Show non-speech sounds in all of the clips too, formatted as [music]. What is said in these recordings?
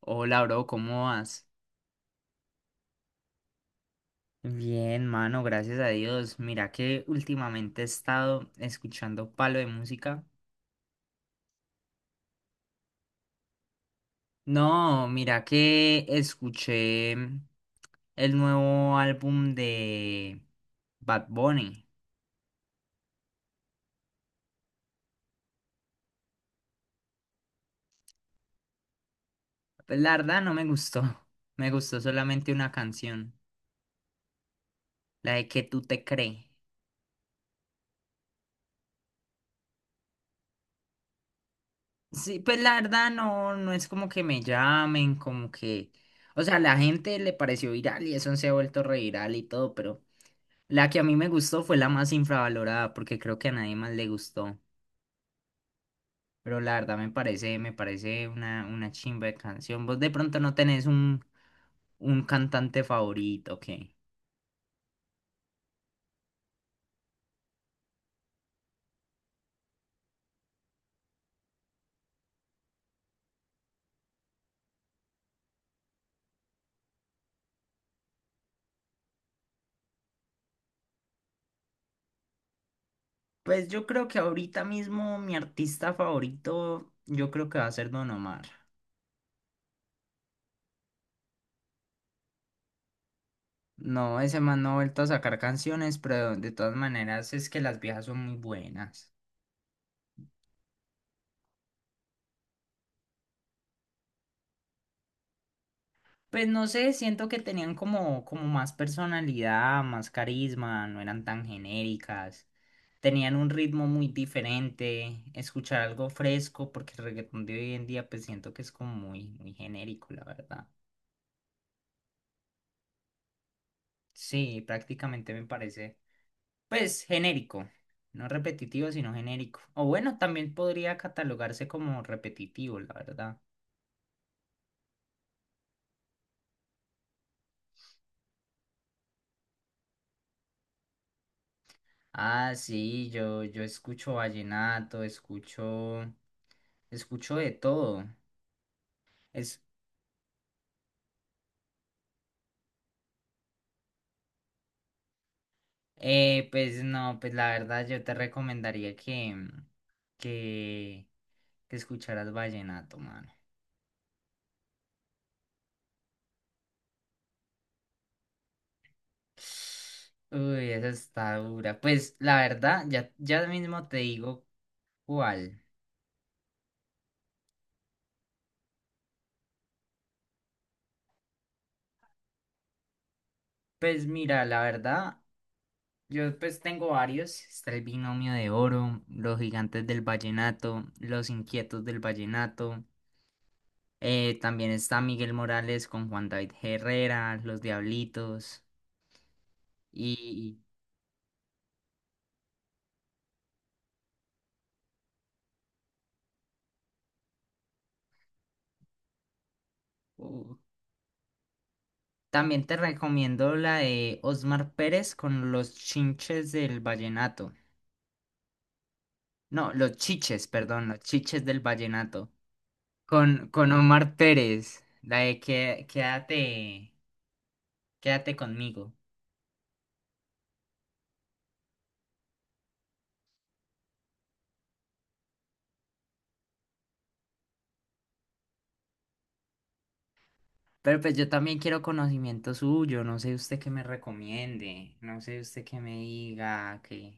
Hola, bro, ¿cómo vas? Bien, mano, gracias a Dios. Mira que últimamente he estado escuchando palo de música. No, mira que escuché el nuevo álbum de Bad Bunny. Pues la verdad no me gustó. [laughs] Me gustó solamente una canción, la de que tú te crees. Sí, pues la verdad no, no es como que me llamen, como que. O sea, la gente le pareció viral y eso se ha vuelto reviral y todo, pero. La que a mí me gustó fue la más infravalorada, porque creo que a nadie más le gustó. Pero la verdad me parece una chimba de canción. Vos de pronto no tenés un cantante favorito, ¿qué? Pues yo creo que ahorita mismo mi artista favorito, yo creo que va a ser Don Omar. No, ese man no ha vuelto a sacar canciones, pero de todas maneras es que las viejas son muy buenas. Pues no sé, siento que tenían como más personalidad, más carisma, no eran tan genéricas. Tenían un ritmo muy diferente, escuchar algo fresco, porque el reggaetón de hoy en día pues siento que es como muy, muy genérico, la verdad. Sí, prácticamente me parece, pues genérico, no repetitivo, sino genérico. O bueno, también podría catalogarse como repetitivo, la verdad. Ah, sí, yo escucho vallenato, escucho de todo. Es, pues no, pues la verdad yo te recomendaría que que escucharas vallenato, mano. Uy, esa está dura. Pues la verdad, ya, ya mismo te digo cuál. Pues mira, la verdad, yo pues tengo varios. Está el Binomio de Oro, Los Gigantes del Vallenato, Los Inquietos del Vallenato. También está Miguel Morales con Juan David Herrera, Los Diablitos. Y uh, también te recomiendo la de Osmar Pérez con Los Chinches del Vallenato. No, los chiches, perdón, los chiches del vallenato. Con Omar Pérez, la de que, quédate conmigo. Pero pues yo también quiero conocimiento suyo, no sé usted qué me recomiende, no sé usted qué me diga, que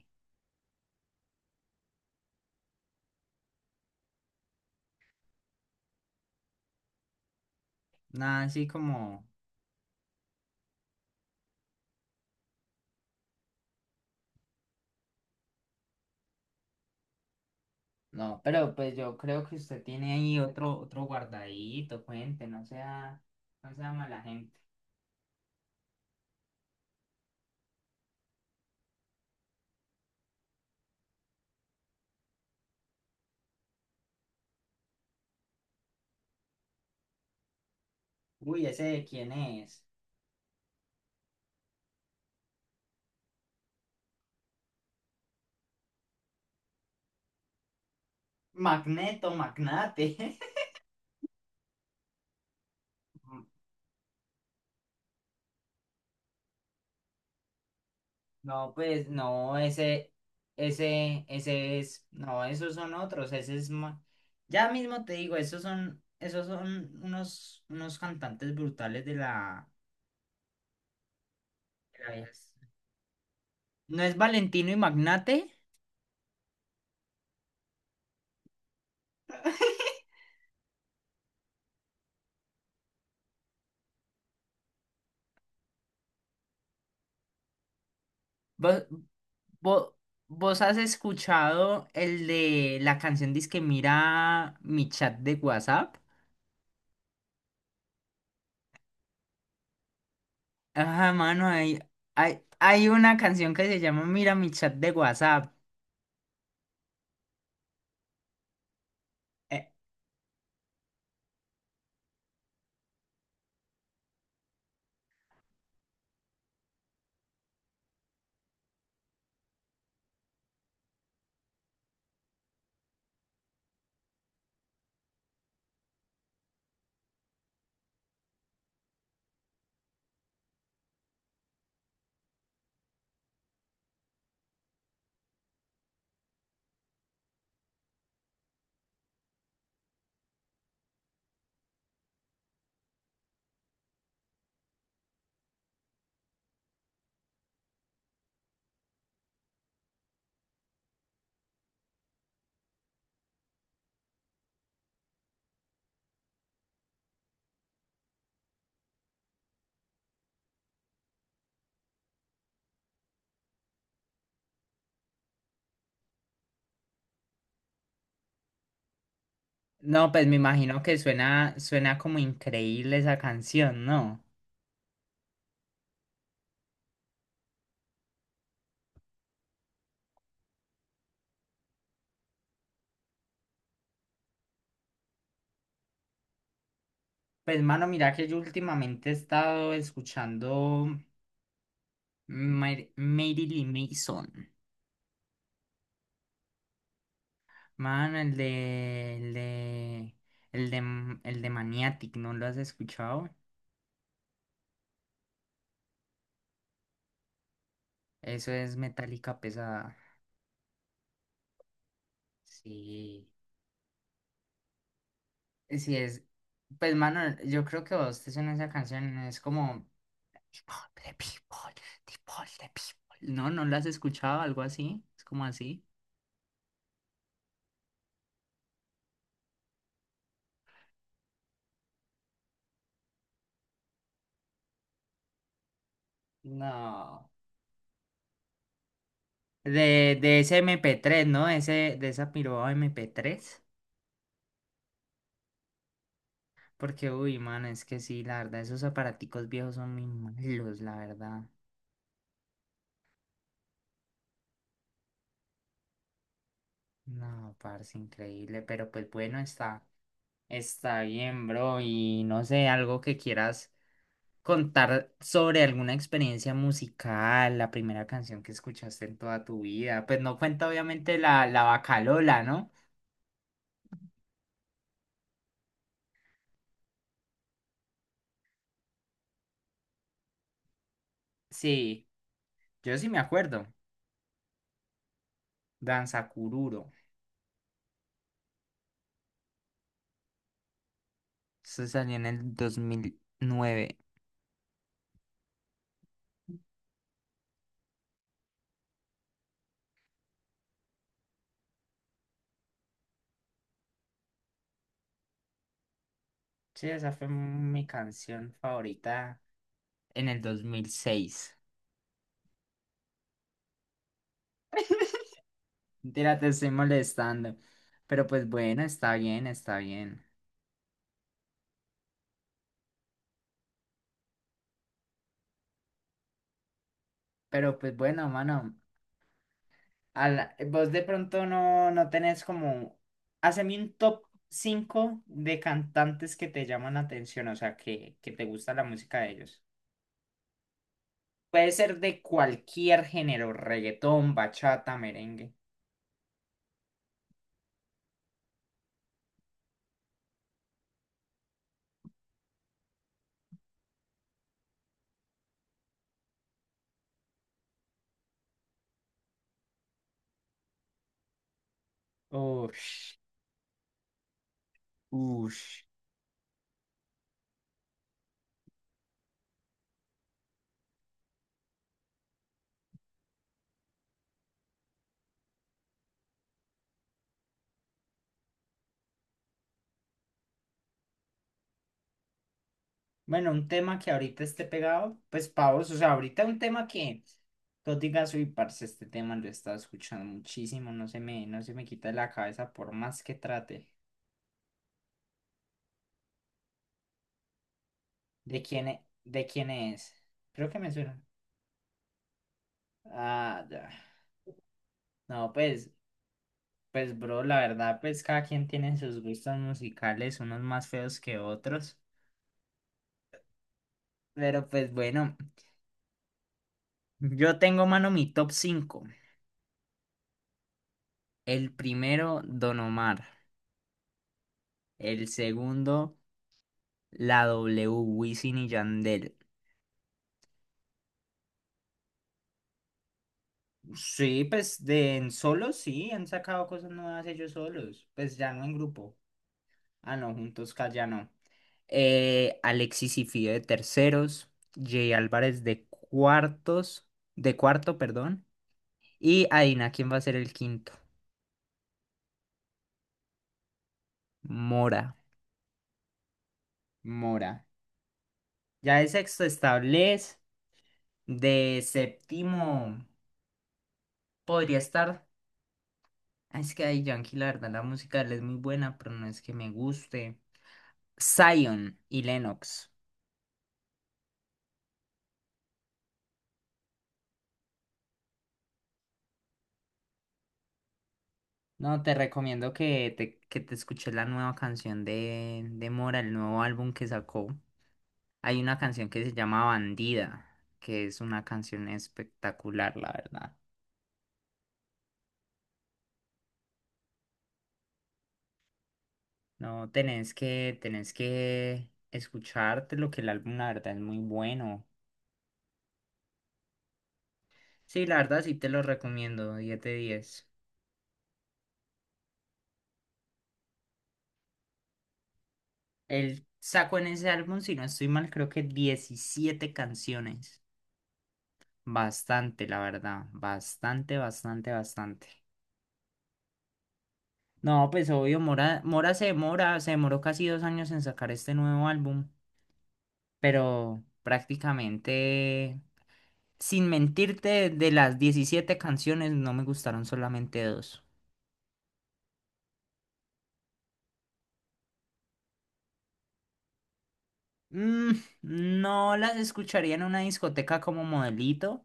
nada así como, no, pero pues yo creo que usted tiene ahí otro guardadito, cuente, no sea, no sea mala gente. Uy, ¿ese de quién es? Magneto, magnate. [laughs] No, pues no, ese es, no, esos son otros, ese es ya mismo te digo, esos son unos cantantes brutales de la vieja. ¿No es Valentino y Magnate? ¿Vos, vos, vos has escuchado el de la canción Disque mira mi chat de WhatsApp? Ajá, mano, hay una canción que se llama Mira mi chat de WhatsApp. Eh, No, pues me imagino que suena, suena como increíble esa canción, ¿no? Pues mano, mira que yo últimamente he estado escuchando Marilyn Mason. Mano, el de, el de Maniatic, ¿no lo has escuchado? Eso es metálica pesada. Sí, sí es. Pues mano, yo creo que vos te suena esa canción, es como People, the people, the people, the people. No, ¿no la has escuchado? Algo así, es como así. No. De ese mp tres, ¿no? De esa piroba mp tres. Porque, uy, mano, es que sí, la verdad, esos aparaticos viejos son muy malos, la verdad. No, parce, increíble. Pero pues bueno, está bien, bro. Y no sé, algo que quieras contar sobre alguna experiencia musical, la primera canción que escuchaste en toda tu vida. Pues no cuenta, obviamente, la Bacalola, ¿no? Sí, yo sí me acuerdo. Danza Cururo. Eso salió en el 2009. Sí, esa fue mi canción favorita en el 2006. Mentira, te estoy molestando. Pero pues bueno, está bien, está bien. Pero pues bueno, mano, vos de pronto no tenés como. Haceme un top 5 de cantantes que te llaman la atención, o sea, que te gusta la música de ellos. Puede ser de cualquier género, reggaetón, bachata, merengue. Ush, ush. Bueno, un tema que ahorita esté pegado, pues pavos, o sea, ahorita un tema que tú digas, uy, parce, este tema lo he estado escuchando muchísimo, no se me quita de la cabeza por más que trate. ¿De quién es? ¿De quién es? Creo que me suena. Ah, ya. No, pues, bro, la verdad, pues cada quien tiene sus gustos musicales, unos más feos que otros. Pero pues bueno, yo tengo, mano, mi top cinco. El primero, Don Omar. El segundo. La W, Wisin y Yandel. Sí, pues de en solo sí, han sacado cosas nuevas ellos solos. Pues ya no en grupo. Ah, no, juntos ya no. Alexis y Fido de terceros. Jay Álvarez de cuartos. De cuarto, perdón. Y adivina quién va a ser el quinto. Mora. Mora. Ya de sexto está Bless. De séptimo podría estar. Es que ahí Yankee, la verdad, la música de él es muy buena, pero no es que me guste. Zion y Lennox. No, te recomiendo que te escuches la nueva canción de Mora, el nuevo álbum que sacó. Hay una canción que se llama Bandida, que es una canción espectacular, la verdad. No, tenés que escucharte lo que el álbum, la verdad, es muy bueno. Sí, la verdad, sí te lo recomiendo, 10 de 10. Él sacó en ese álbum, si no estoy mal, creo que 17 canciones. Bastante, la verdad. Bastante, bastante, bastante. No, pues obvio, Mora, Mora se demora, se demoró casi 2 años en sacar este nuevo álbum, pero prácticamente, sin mentirte, de las 17 canciones no me gustaron solamente dos. Mm, no las escucharía en una discoteca como modelito.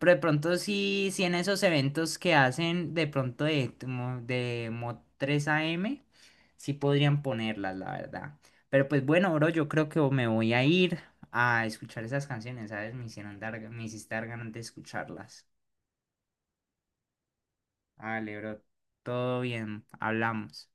Pero de pronto sí, sí en esos eventos que hacen de pronto de Mod 3 AM, sí podrían ponerlas, la verdad. Pero pues bueno, bro, yo creo que me voy a ir a escuchar esas canciones, ¿sabes? Me hicieron dar, me hiciste dar ganas de escucharlas. Vale, bro, todo bien, hablamos.